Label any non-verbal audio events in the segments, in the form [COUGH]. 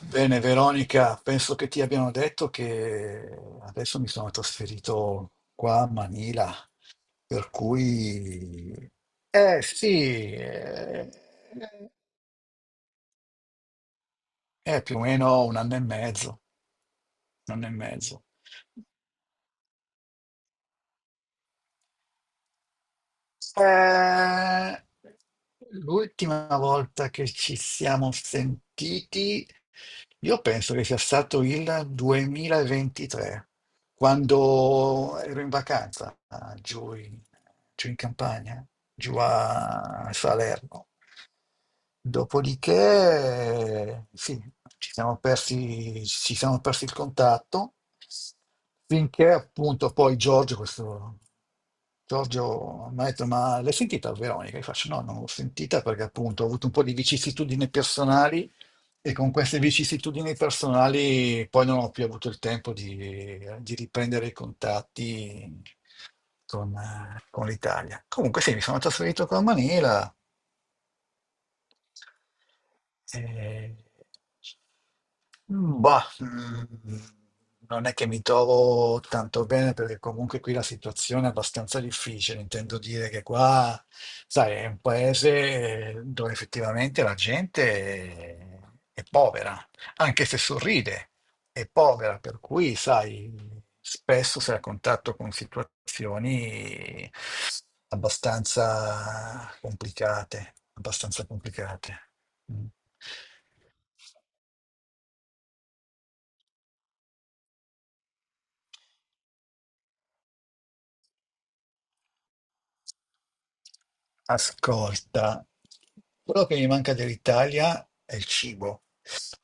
Bene, Veronica, penso che ti abbiano detto che adesso mi sono trasferito qua a Manila, per cui... Eh sì, eh, è più o meno un anno e mezzo, un anno e mezzo. Eh, l'ultima volta che ci siamo sentiti, io penso che sia stato il 2023, quando ero in vacanza giù in campagna, giù a Salerno. Dopodiché, sì, ci siamo persi il contatto, finché appunto poi Giorgio mi ha detto, ma l'hai sentita Veronica? Io faccio, no, non l'ho sentita perché appunto ho avuto un po' di vicissitudini personali e con queste vicissitudini personali poi non ho più avuto il tempo di riprendere i contatti con l'Italia. Comunque sì, mi sono trasferito con Manila eh, Mm, Bah, mm, non è che mi trovo tanto bene perché comunque qui la situazione è abbastanza difficile. Intendo dire che qua, sai, è un paese dove effettivamente è povera, anche se sorride, è povera, per cui, sai, spesso sei a contatto con situazioni abbastanza complicate, abbastanza complicate. Mm. Ascolta, quello che mi manca dell'Italia è il cibo.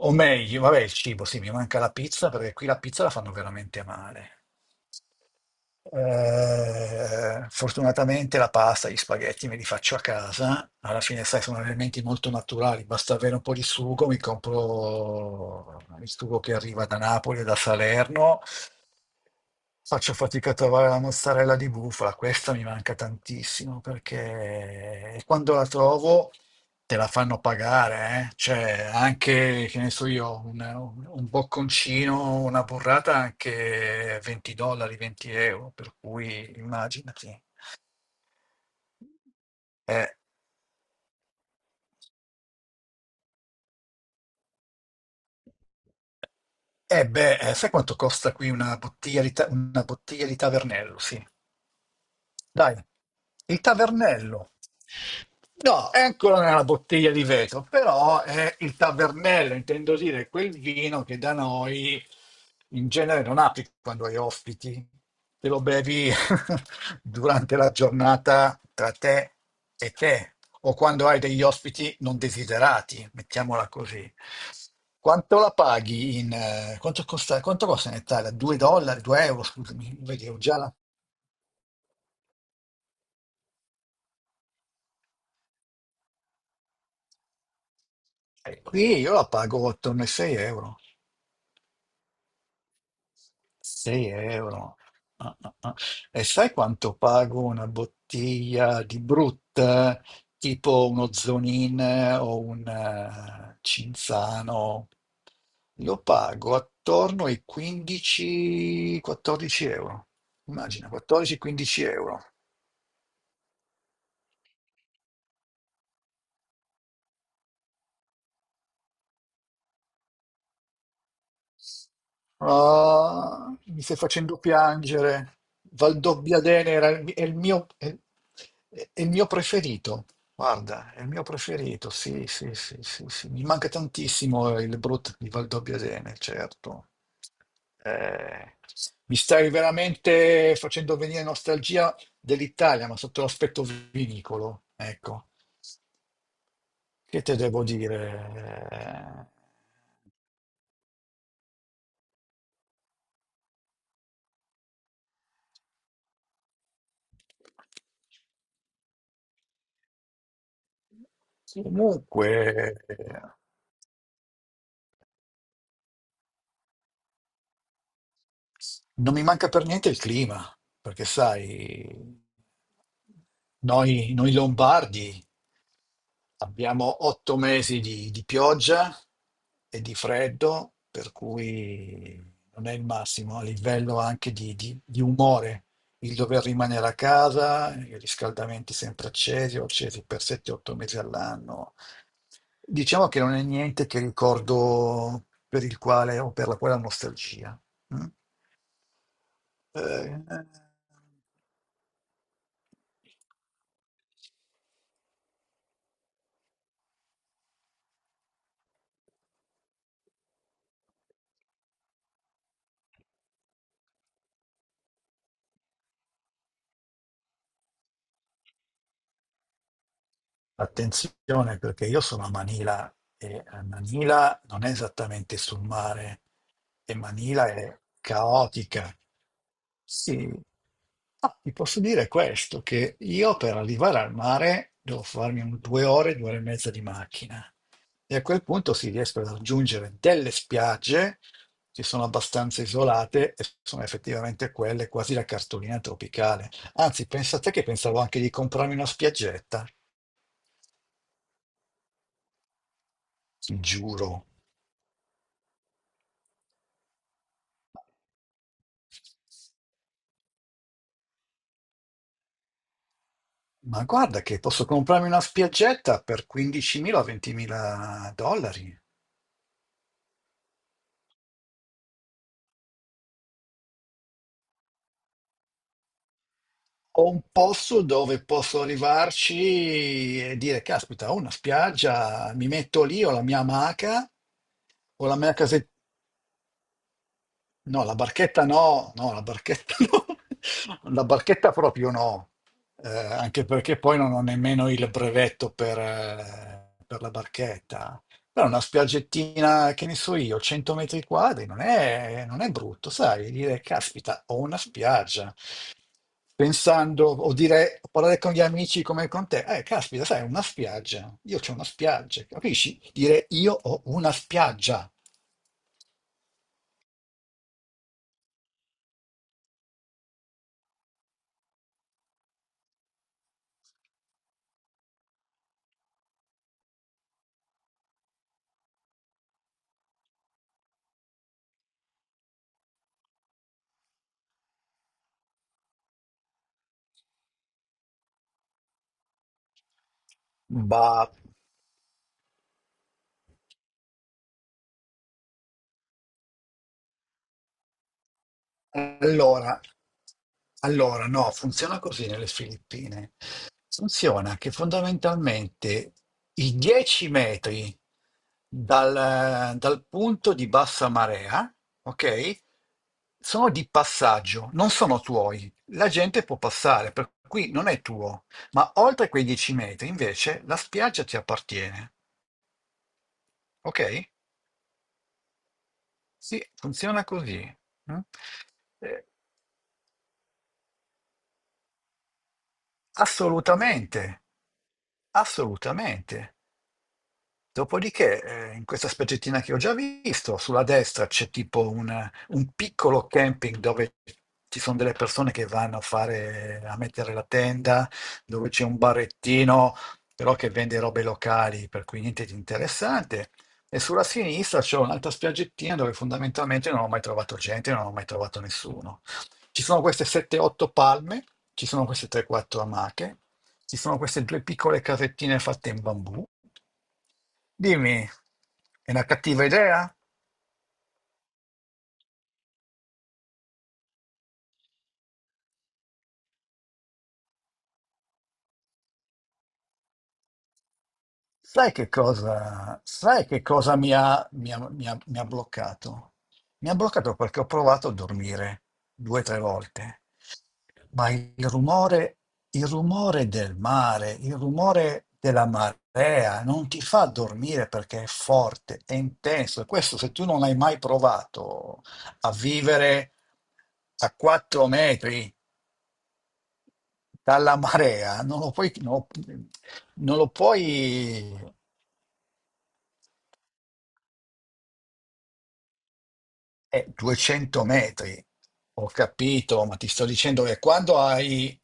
O meglio, vabbè, il cibo, sì, mi manca la pizza perché qui la pizza la fanno veramente male. Fortunatamente la pasta, gli spaghetti me li faccio a casa. Alla fine, sai, sono elementi molto naturali. Basta avere un po' di sugo. Mi compro il sugo che arriva da Napoli e da Salerno. Faccio fatica a trovare la mozzarella di bufala. Questa mi manca tantissimo perché quando la trovo. Te la fanno pagare, eh? Cioè, anche, che ne so io, un bocconcino, una burrata anche 20 dollari, 20 euro, per cui immaginati. Eh, eh beh, sai quanto costa qui una bottiglia una bottiglia di Tavernello? Sì. Dai, il Tavernello. No, eccola nella bottiglia di vetro, però è il Tavernello, intendo dire quel vino che da noi in genere non apri quando hai ospiti, te lo bevi [LAUGHS] durante la giornata tra te e te, o quando hai degli ospiti non desiderati, mettiamola così. Quanto la paghi in... quanto costa in Italia? 2 dollari, 2 euro, scusami, vedi, qui io la pago attorno ai 6 euro. 6 euro. Ah, ah, ah. E sai quanto pago una bottiglia di Brut, tipo uno Zonin o un Cinzano? Lo pago attorno ai 15-14 euro. Immagina, 14-15 euro. Ah, mi stai facendo piangere. Valdobbiadene era il, mi- è il mio preferito. Guarda, è il mio preferito. Sì, sì, sì, sì, sì. Mi manca tantissimo il Brut di Valdobbiadene, certo. Eh, mi stai veramente facendo venire nostalgia dell'Italia, ma sotto l'aspetto vinicolo. Ecco, che te devo dire? Comunque. Non mi manca per niente il clima, perché sai, noi lombardi abbiamo 8 mesi di pioggia e di freddo, per cui non è il massimo a livello anche di umore. Il dover rimanere a casa, i riscaldamenti sempre accesi, o accesi per 7-8 mesi all'anno. Diciamo che non è niente che ricordo per il quale o per la quale ho nostalgia. Mm? Eh, Attenzione perché io sono a Manila e a Manila non è esattamente sul mare e Manila è caotica. Sì, ti posso dire questo, che io per arrivare al mare devo farmi un 2 ore, 2 ore e mezza di macchina e a quel punto si riescono a raggiungere delle spiagge che sono abbastanza isolate e sono effettivamente quelle quasi la cartolina tropicale. Anzi, pensate che pensavo anche di comprarmi una spiaggetta. Giuro. Ma guarda che posso comprarmi una spiaggetta per 15.000-20.000 dollari. Ho un posto dove posso arrivarci e dire, caspita, ho una spiaggia, mi metto lì, ho la mia amaca, ho la mia casetta. No, la barchetta no, no, la barchetta [LAUGHS] no, la barchetta proprio no. Anche perché poi non ho nemmeno il brevetto per la barchetta. Però una spiaggettina, che ne so io, 100 metri quadri, non è brutto, sai, dire, caspita, ho una spiaggia. Pensando, o dire, o parlare con gli amici come con te, caspita, sai, una spiaggia, io c'ho una spiaggia, capisci? Dire, io ho una spiaggia. Bah, allora, Allora, no, funziona così nelle Filippine. Funziona che fondamentalmente i 10 metri dal punto di bassa marea, ok, sono di passaggio, non sono tuoi. La gente può passare, per cui non è tuo. Ma oltre quei 10 metri, invece, la spiaggia ti appartiene, ok? Sì, funziona così. Mm? Eh, assolutamente, assolutamente. Dopodiché, in questa specie che ho già visto, sulla destra c'è tipo un piccolo camping dove ci son delle persone che vanno a fare a mettere la tenda, dove c'è un barettino, però che vende robe locali, per cui niente di interessante. E sulla sinistra c'è un'altra spiaggettina dove fondamentalmente non ho mai trovato gente, non ho mai trovato nessuno. Ci sono queste 7, 8 palme, ci sono queste 3, 4 amache. Ci sono queste due piccole casettine fatte in bambù. Dimmi, è una cattiva idea? Sai che cosa mi ha bloccato? Mi ha bloccato perché ho provato a dormire 2 o 3 volte, ma il rumore del mare, il rumore della marea non ti fa dormire perché è forte, è intenso. E questo se tu non hai mai provato a vivere a 4 metri dalla marea, non lo puoi. 200 metri, ho capito, ma ti sto dicendo che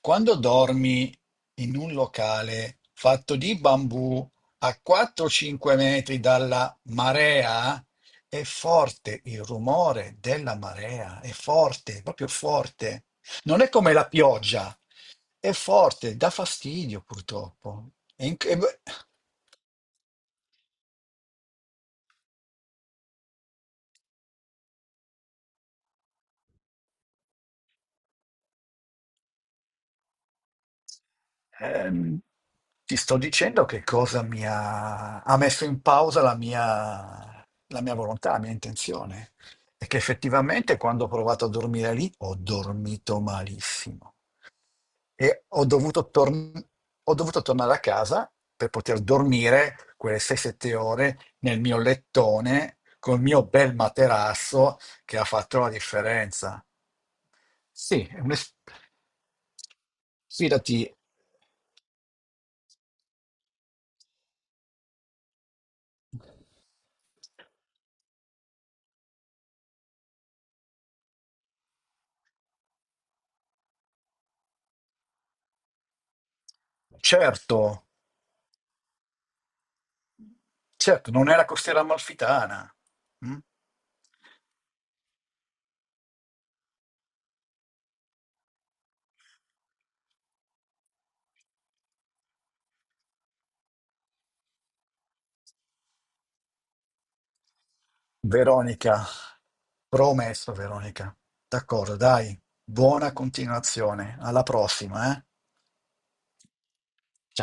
quando dormi in un locale fatto di bambù a 4-5 metri dalla marea, è forte il rumore della marea, è forte, proprio forte. Non è come la pioggia, è forte, dà fastidio purtroppo. È inc- è- Ehm, ti sto dicendo che cosa ha messo in pausa la mia volontà, la mia intenzione. E che effettivamente quando ho provato a dormire lì ho dormito malissimo e ho dovuto tornare a casa per poter dormire quelle 6-7 ore nel mio lettone col mio bel materasso che ha fatto la differenza. Sì, fidati. Certo, certo, non è la costiera amalfitana. Mm? Veronica, promesso Veronica. D'accordo, dai, buona continuazione. Alla prossima, eh?